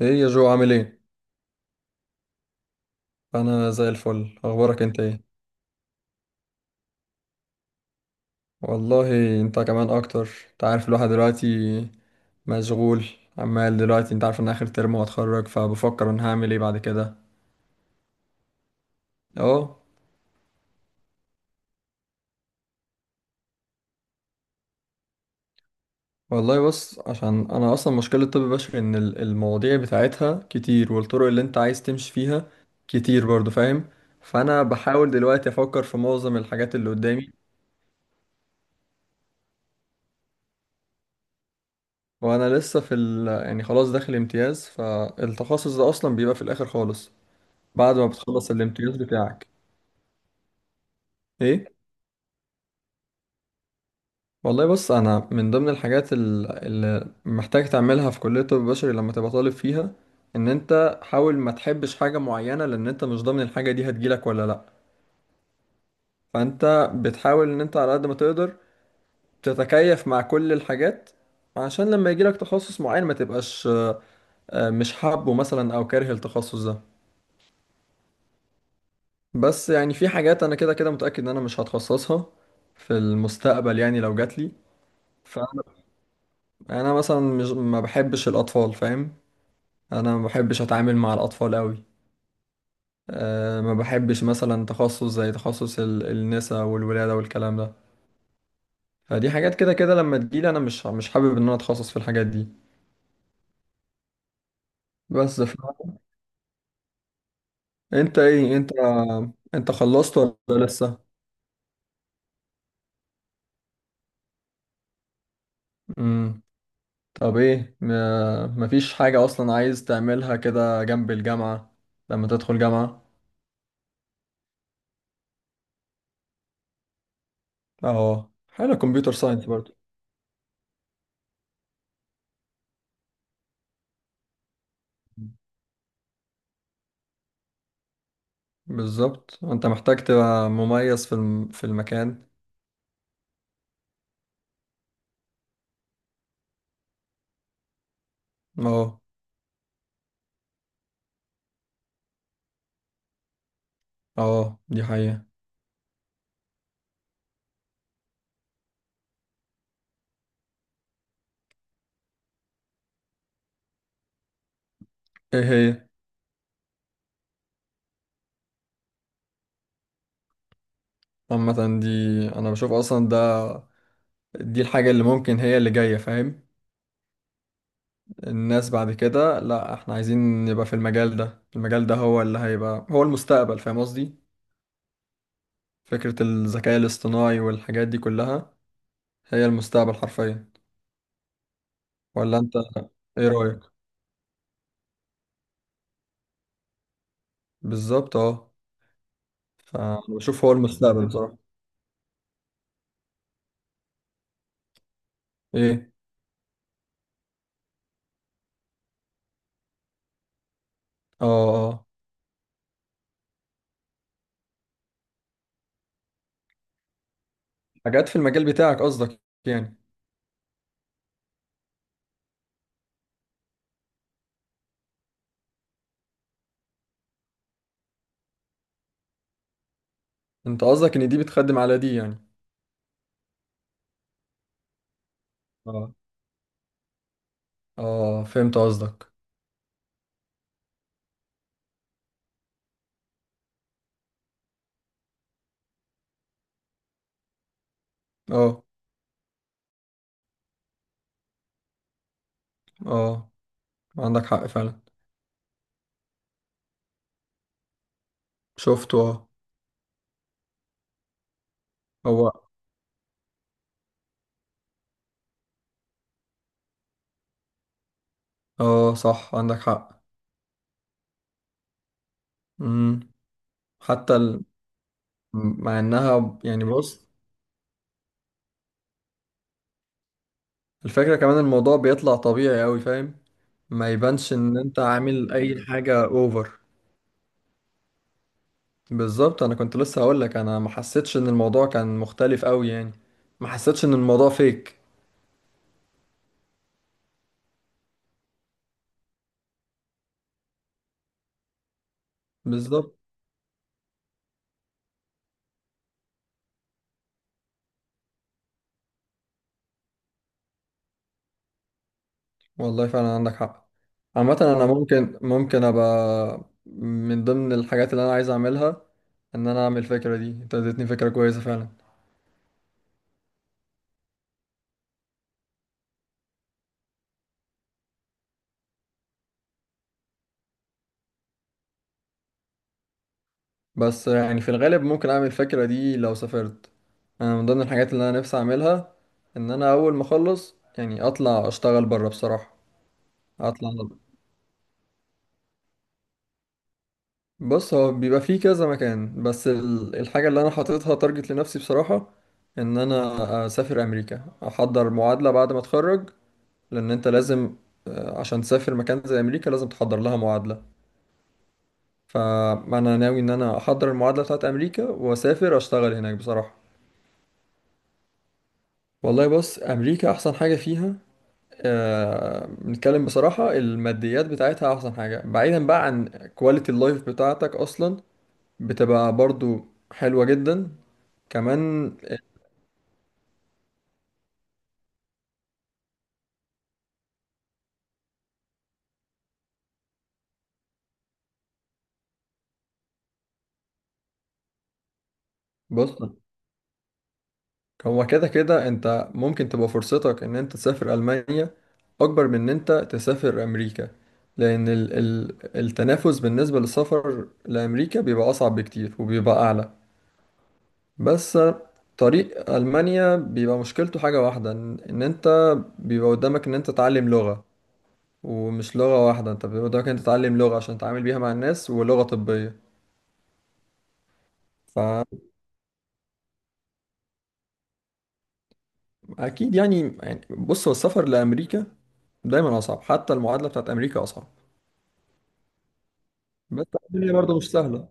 ايه يا جو، عامل ايه؟ انا زي الفل، اخبارك انت ايه؟ والله انت كمان اكتر، انت عارف الواحد دلوقتي مشغول. عمال دلوقتي، انت عارف ان اخر ترم وهتخرج، فبفكر انا هعمل ايه بعد كده. اه. والله بص، عشان انا اصلا مشكلة طب بشري ان المواضيع بتاعتها كتير، والطرق اللي انت عايز تمشي فيها كتير برضو، فاهم؟ فانا بحاول دلوقتي افكر في معظم الحاجات اللي قدامي. وانا لسه في يعني خلاص داخل امتياز، فالتخصص ده اصلا بيبقى في الاخر خالص، بعد ما بتخلص الامتياز بتاعك. ايه. والله بص، انا من ضمن الحاجات اللي محتاج تعملها في كلية الطب البشري لما تبقى طالب فيها، ان انت حاول ما تحبش حاجة معينة، لان انت مش ضامن الحاجة دي هتجيلك ولا لا. فانت بتحاول ان انت على قد ما تقدر تتكيف مع كل الحاجات، عشان لما يجيلك تخصص معين ما تبقاش مش حابه مثلا او كاره التخصص ده. بس يعني في حاجات انا كده كده متأكد ان انا مش هتخصصها في المستقبل، يعني لو جاتلي. يعني انا مثلا مش ما بحبش الاطفال، فاهم؟ انا ما بحبش اتعامل مع الاطفال قوي. ما بحبش مثلا تخصص زي تخصص النساء والولاده والكلام ده. فدي حاجات كده كده لما تجيلي انا مش حابب ان انا اتخصص في الحاجات دي. بس ف... انت ايه، انت خلصت ولا لسه؟ امم طب ايه، ما... مفيش حاجه اصلا عايز تعملها كده جنب الجامعه لما تدخل جامعه؟ اه حلو، كمبيوتر ساينس برضه. بالظبط، انت محتاج تبقى مميز في في المكان. اه اه، دي حقيقة. ايه هي؟ عامة دي، انا بشوف اصلا ده دي الحاجة اللي ممكن هي اللي جاية، فاهم؟ الناس بعد كده، لا احنا عايزين نبقى في المجال ده، المجال ده هو اللي هيبقى هو المستقبل، فاهم قصدي؟ فكرة الذكاء الاصطناعي والحاجات دي كلها هي المستقبل حرفيا. ولا انت، ايه رأيك؟ بالظبط اه. فانا بشوف هو المستقبل بصراحة. ايه. اه اه. حاجات في المجال بتاعك قصدك يعني؟ انت قصدك ان دي بتخدم على دي يعني؟ اه اه، فهمت قصدك. اه اه، عندك حق فعلا. شفته اه. هو. اه صح، عندك حق. امم حتى ال... مع انها يعني بص، الفكرة كمان الموضوع بيطلع طبيعي اوي، فاهم؟ ما يبانش ان انت عامل اي حاجة اوفر. بالظبط، انا كنت لسه هقولك انا ما حسيتش ان الموضوع كان مختلف اوي يعني. ما حسيتش ان الموضوع فيك. بالظبط. والله فعلا عندك حق. عامة أنا، ممكن أبقى من ضمن الحاجات اللي أنا عايز أعملها، إن أنا أعمل الفكرة دي. أنت اديتني فكرة كويسة فعلا. بس يعني في الغالب ممكن أعمل الفكرة دي لو سافرت. أنا من ضمن الحاجات اللي أنا نفسي أعملها إن أنا أول ما أخلص يعني أطلع أشتغل برا بصراحة. أطلع. بص، هو بيبقى فيه كذا مكان، بس الحاجة اللي أنا حاططها تارجت لنفسي بصراحة إن أنا أسافر أمريكا أحضر معادلة بعد ما أتخرج. لان انت لازم، عشان تسافر مكان زي امريكا لازم تحضر لها معادله. فانا ناوي ان انا احضر المعادله بتاعت امريكا واسافر اشتغل هناك بصراحه. والله بص، امريكا احسن حاجه فيها، بنتكلم بصراحه، الماديات بتاعتها احسن حاجه، بعيدا بقى عن كواليتي اللايف بتاعتك اصلا، بتبقى برضو حلوه جدا كمان. بص، هو كده كده انت ممكن تبقى فرصتك ان انت تسافر المانيا اكبر من ان انت تسافر امريكا، لان ال التنافس بالنسبه للسفر لامريكا بيبقى اصعب بكتير وبيبقى اعلى. بس طريق المانيا بيبقى مشكلته حاجه واحده، ان انت بيبقى قدامك ان انت تتعلم لغه، ومش لغه واحده، انت بيبقى قدامك ان انت تتعلم لغه عشان تتعامل بيها مع الناس ولغه طبيه. فاكيد يعني بص، هو السفر لامريكا دايما اصعب، حتى المعادله بتاعت امريكا اصعب. بس الدنيا برضه مش سهلة.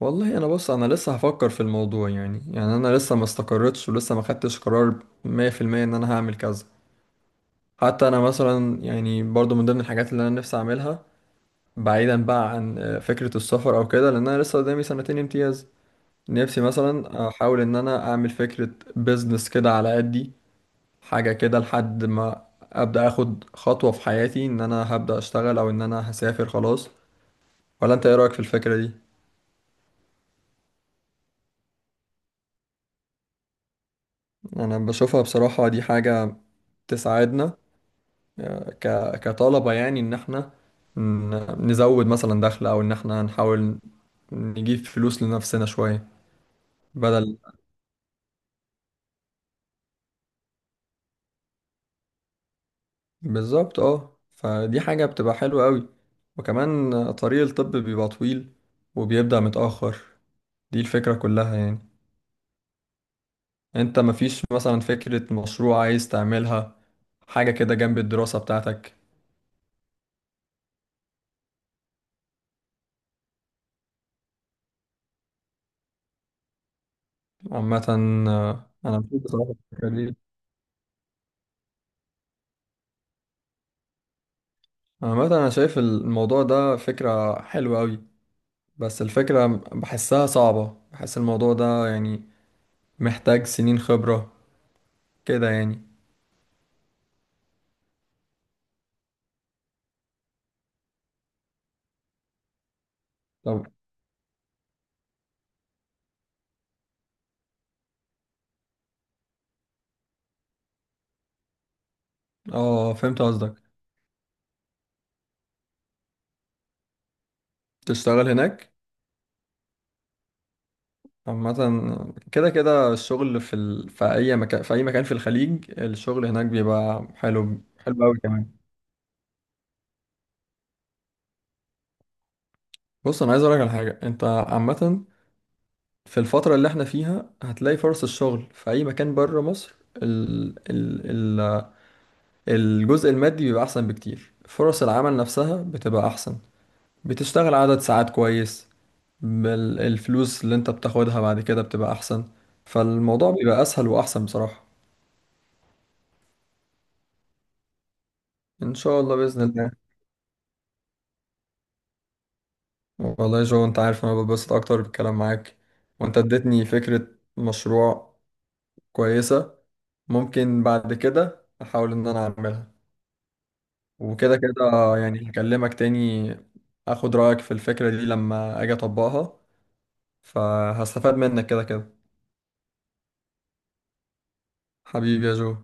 والله انا بص، انا لسه هفكر في الموضوع، يعني انا لسه ما استقرتش ولسه ما خدتش قرار 100% ان انا هعمل كذا. حتى انا مثلا يعني برضه من ضمن الحاجات اللي انا نفسي اعملها، بعيدا بقى عن فكرة السفر او كده، لان انا لسه قدامي سنتين امتياز، نفسي مثلا احاول ان انا اعمل فكرة بيزنس كده على قدي، حاجة كده لحد ما ابدا اخد خطوة في حياتي ان انا هبدا اشتغل او ان انا هسافر خلاص. ولا انت، ايه رأيك في الفكرة دي؟ انا بشوفها بصراحة دي حاجة تساعدنا، آه، ك... كطلبة، يعني ان احنا نزود مثلا دخل، او ان احنا نحاول نجيب فلوس لنفسنا شوية، بدل. بالظبط فدي حاجة بتبقى حلوة قوي. وكمان طريق الطب بيبقى طويل وبيبدأ متأخر، دي الفكرة كلها يعني. انت مفيش مثلا فكرة مشروع عايز تعملها، حاجة كده جنب الدراسة بتاعتك؟ عامة انا بشوف بصراحة الفكرة دي، عامة أنا شايف الموضوع ده فكرة حلوة أوي، بس الفكرة بحسها صعبة، بحس الموضوع ده يعني محتاج سنين خبرة كده يعني. طب اه، فهمت قصدك. تشتغل هناك. عامة كده كده الشغل في في أي مكان، في أي مكان في الخليج الشغل هناك بيبقى حلو حلو أوي كمان. بص أنا عايز أقولك على حاجة أنت، عامة في الفترة اللي احنا فيها هتلاقي فرص الشغل في أي مكان بره مصر، ال... ال... الجزء المادي بيبقى أحسن بكتير، فرص العمل نفسها بتبقى أحسن، بتشتغل عدد ساعات كويس، الفلوس اللي أنت بتاخدها بعد كده بتبقى أحسن، فالموضوع بيبقى أسهل وأحسن بصراحة. إن شاء الله بإذن الله. والله يا جو، أنت عارف أنا ببسط أكتر بالكلام معاك. وأنت اديتني فكرة مشروع كويسة، ممكن بعد كده أحاول إن أنا أعملها. وكده كده يعني هكلمك تاني، أخد رأيك في الفكرة دي لما أجي أطبقها، فهستفاد منك كده كده. حبيبي يا جو.